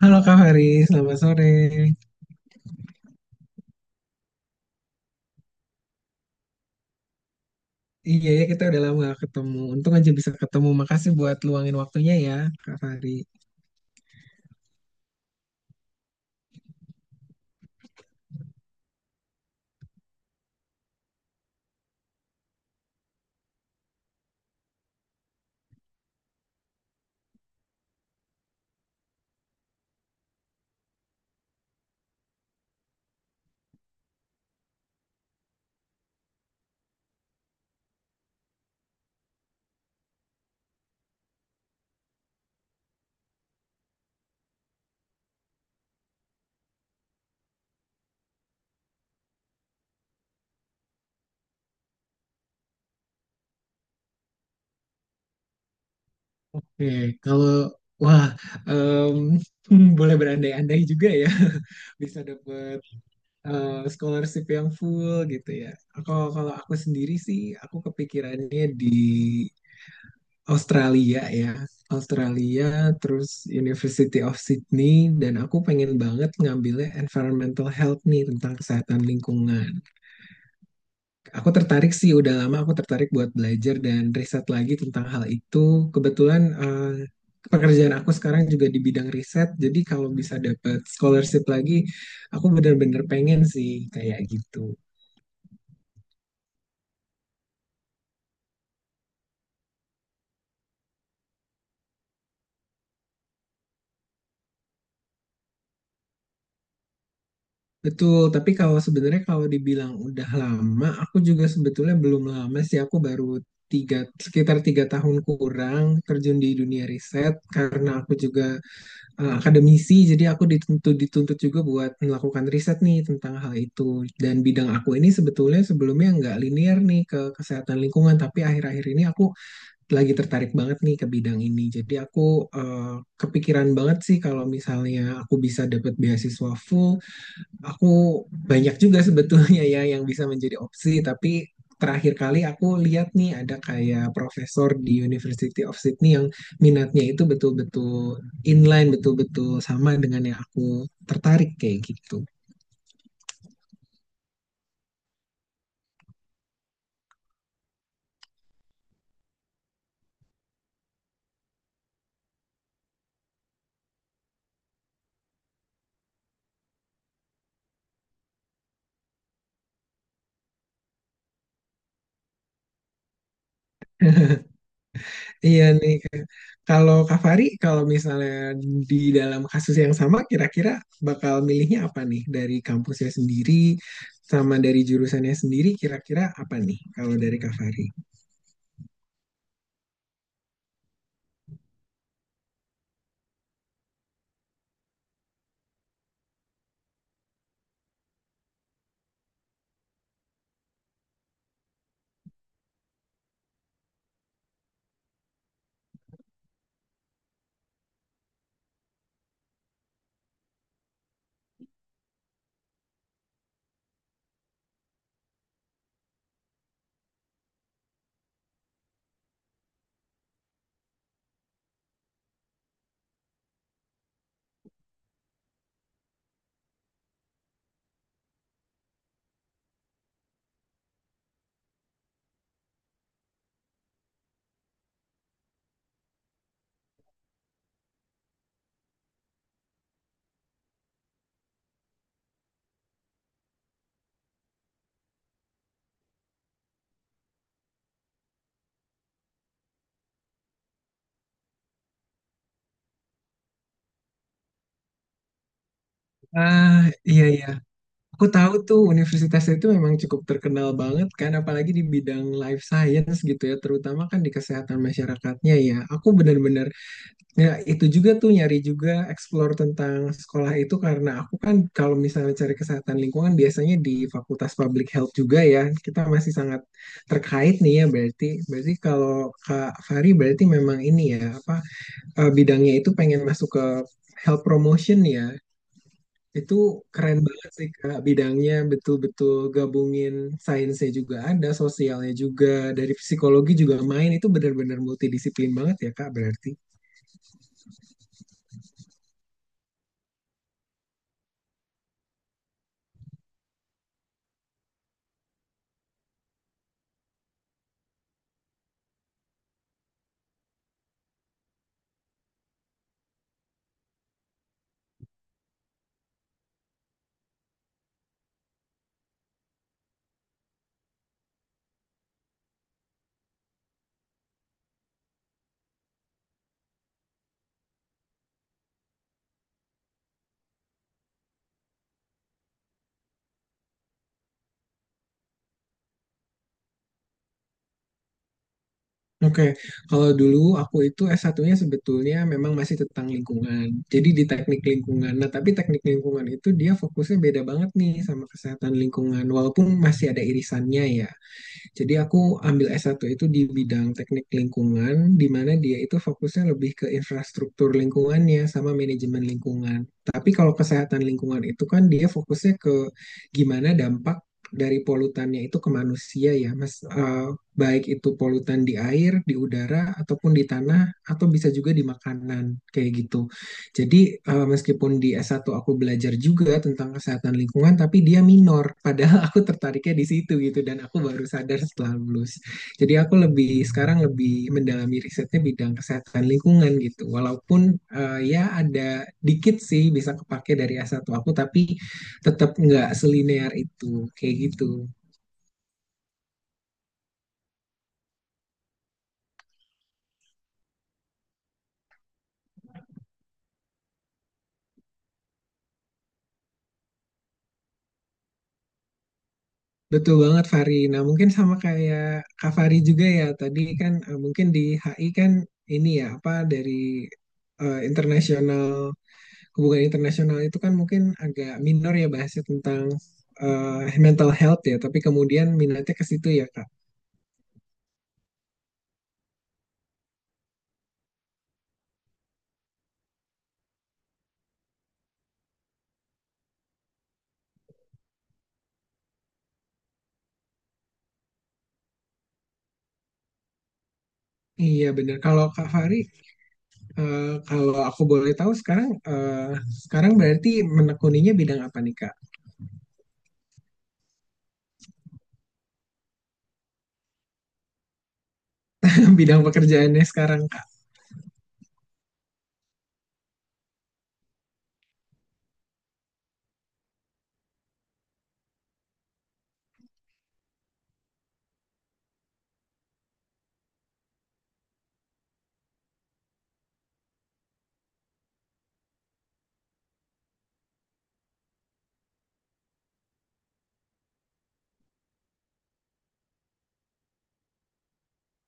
Halo Kak Faris, selamat sore. Iya ya, kita udah lama gak ketemu. Untung aja bisa ketemu. Makasih buat luangin waktunya ya Kak Fari. Oke, kalau wah em, boleh berandai-andai juga ya bisa dapet scholarship yang full gitu ya. Kalau kalau aku sendiri sih, aku kepikirannya di Australia ya. Australia, terus University of Sydney, dan aku pengen banget ngambilnya environmental health nih, tentang kesehatan lingkungan. Aku tertarik sih, udah lama aku tertarik buat belajar dan riset lagi tentang hal itu. Kebetulan pekerjaan aku sekarang juga di bidang riset, jadi kalau bisa dapat scholarship lagi, aku benar-benar pengen sih kayak gitu. Betul, tapi kalau sebenarnya kalau dibilang udah lama, aku juga sebetulnya belum lama sih, aku baru 3, sekitar 3 tahun kurang terjun di dunia riset, karena aku juga akademisi, jadi aku dituntut dituntut juga buat melakukan riset nih tentang hal itu. Dan bidang aku ini sebetulnya sebelumnya nggak linear nih ke kesehatan lingkungan, tapi akhir-akhir ini aku lagi tertarik banget nih ke bidang ini. Jadi aku kepikiran banget sih kalau misalnya aku bisa dapat beasiswa full. Aku banyak juga sebetulnya ya yang bisa menjadi opsi, tapi terakhir kali aku lihat nih, ada kayak profesor di University of Sydney yang minatnya itu betul-betul inline, betul-betul sama dengan yang aku tertarik kayak gitu. Iya nih, Kak. Kalau Kak Fari, kalau misalnya di dalam kasus yang sama, kira-kira bakal milihnya apa nih? Dari kampusnya sendiri, sama dari jurusannya sendiri, kira-kira apa nih kalau dari Kak Fari? Ah, iya, iya. Aku tahu tuh universitasnya itu memang cukup terkenal banget kan, apalagi di bidang life science gitu ya, terutama kan di kesehatan masyarakatnya ya. Aku benar-benar ya itu juga tuh nyari juga, explore tentang sekolah itu, karena aku kan kalau misalnya cari kesehatan lingkungan biasanya di Fakultas Public Health juga ya. Kita masih sangat terkait nih ya berarti. Berarti kalau Kak Fari berarti memang ini ya apa bidangnya itu pengen masuk ke health promotion ya. Itu keren banget sih Kak, bidangnya betul-betul gabungin sainsnya juga ada, sosialnya juga, dari psikologi juga main, itu benar-benar multidisiplin banget ya Kak berarti. Oke, kalau dulu aku itu S1-nya sebetulnya memang masih tentang lingkungan, jadi di teknik lingkungan. Nah, tapi teknik lingkungan itu dia fokusnya beda banget nih sama kesehatan lingkungan, walaupun masih ada irisannya ya. Jadi aku ambil S1 itu di bidang teknik lingkungan, di mana dia itu fokusnya lebih ke infrastruktur lingkungannya sama manajemen lingkungan. Tapi kalau kesehatan lingkungan itu kan dia fokusnya ke gimana dampak dari polutannya itu ke manusia ya, Mas. Baik itu polutan di air, di udara, ataupun di tanah, atau bisa juga di makanan, kayak gitu. Jadi meskipun di S1 aku belajar juga tentang kesehatan lingkungan, tapi dia minor. Padahal aku tertariknya di situ gitu, dan aku baru sadar setelah lulus. Jadi aku lebih sekarang lebih mendalami risetnya bidang kesehatan lingkungan gitu. Walaupun ya ada dikit sih bisa kepake dari S1 aku, tapi tetap nggak selinear itu kayak gitu. Betul banget Fari. Nah mungkin sama kayak Kak Fari juga ya, tadi kan mungkin di HI kan ini ya apa dari internasional, hubungan internasional itu kan mungkin agak minor ya bahasnya tentang mental health ya. Tapi kemudian minatnya ke situ ya Kak. Iya benar. Kalau Kak Fari, kalau aku boleh tahu sekarang sekarang berarti menekuninya bidang apa nih Kak? Bidang pekerjaannya sekarang Kak.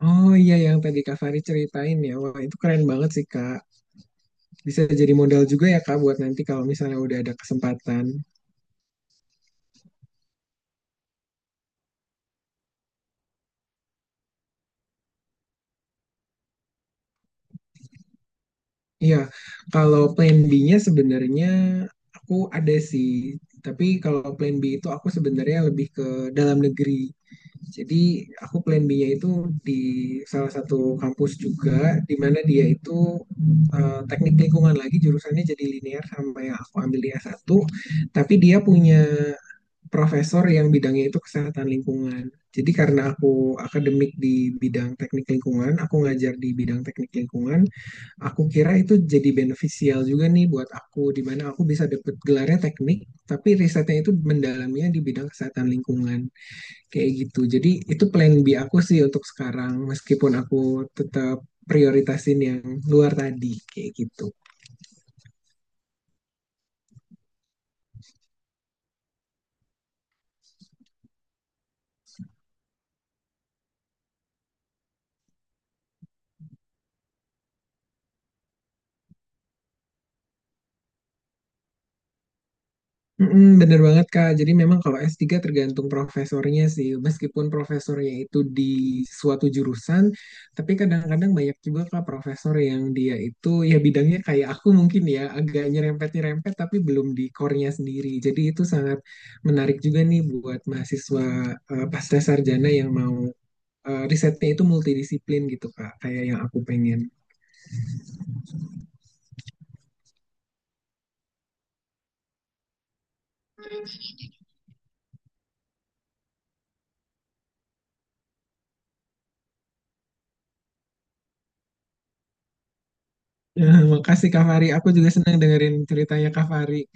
Oh iya, yang tadi Kak Fari ceritain ya. Wah itu keren banget sih Kak, bisa jadi modal juga ya Kak buat nanti kalau misalnya udah ada kesempatan. Iya, kalau plan B-nya sebenarnya aku ada sih. Tapi kalau plan B itu aku sebenarnya lebih ke dalam negeri. Jadi aku plan B-nya itu di salah satu kampus juga, di mana dia itu teknik lingkungan lagi jurusannya, jadi linear sama yang aku ambil di S1. Tapi dia punya profesor yang bidangnya itu kesehatan lingkungan. Jadi karena aku akademik di bidang teknik lingkungan, aku ngajar di bidang teknik lingkungan, aku kira itu jadi benefisial juga nih buat aku, di mana aku bisa dapet gelarnya teknik, tapi risetnya itu mendalamnya di bidang kesehatan lingkungan. Kayak gitu. Jadi itu plan B aku sih untuk sekarang, meskipun aku tetap prioritasin yang luar tadi, kayak gitu. Mm-mm, bener banget Kak. Jadi memang kalau S3 tergantung profesornya sih. Meskipun profesornya itu di suatu jurusan, tapi kadang-kadang banyak juga Kak profesor yang dia itu ya bidangnya kayak aku mungkin ya agak nyerempet-nyerempet tapi belum di core-nya sendiri. Jadi itu sangat menarik juga nih buat mahasiswa pasca sarjana yang mau risetnya itu multidisiplin gitu Kak, kayak yang aku pengen. makasih Kak Fari. Aku juga senang dengerin ceritanya Kak Fari.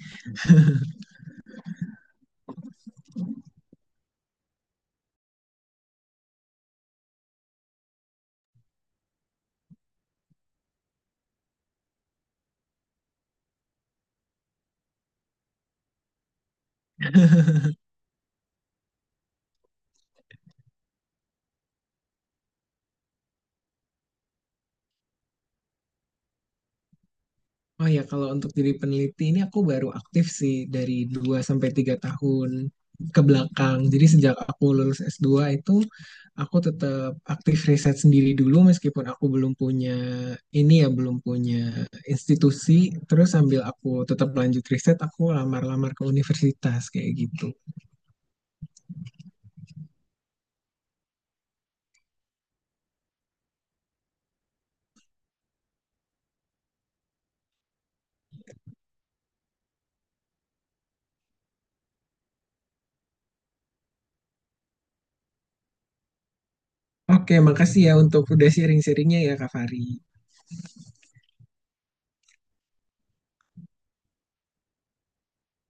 Oh ya, kalau untuk jadi peneliti ini aku baru aktif sih dari 2 sampai 3 tahun ke belakang. Jadi sejak aku lulus S2 itu aku tetap aktif riset sendiri dulu meskipun aku belum punya ini ya belum punya institusi. Terus sambil aku tetap lanjut riset, aku lamar-lamar ke universitas kayak gitu. Oke, makasih ya untuk udah sharing-sharingnya ya Kak Fari.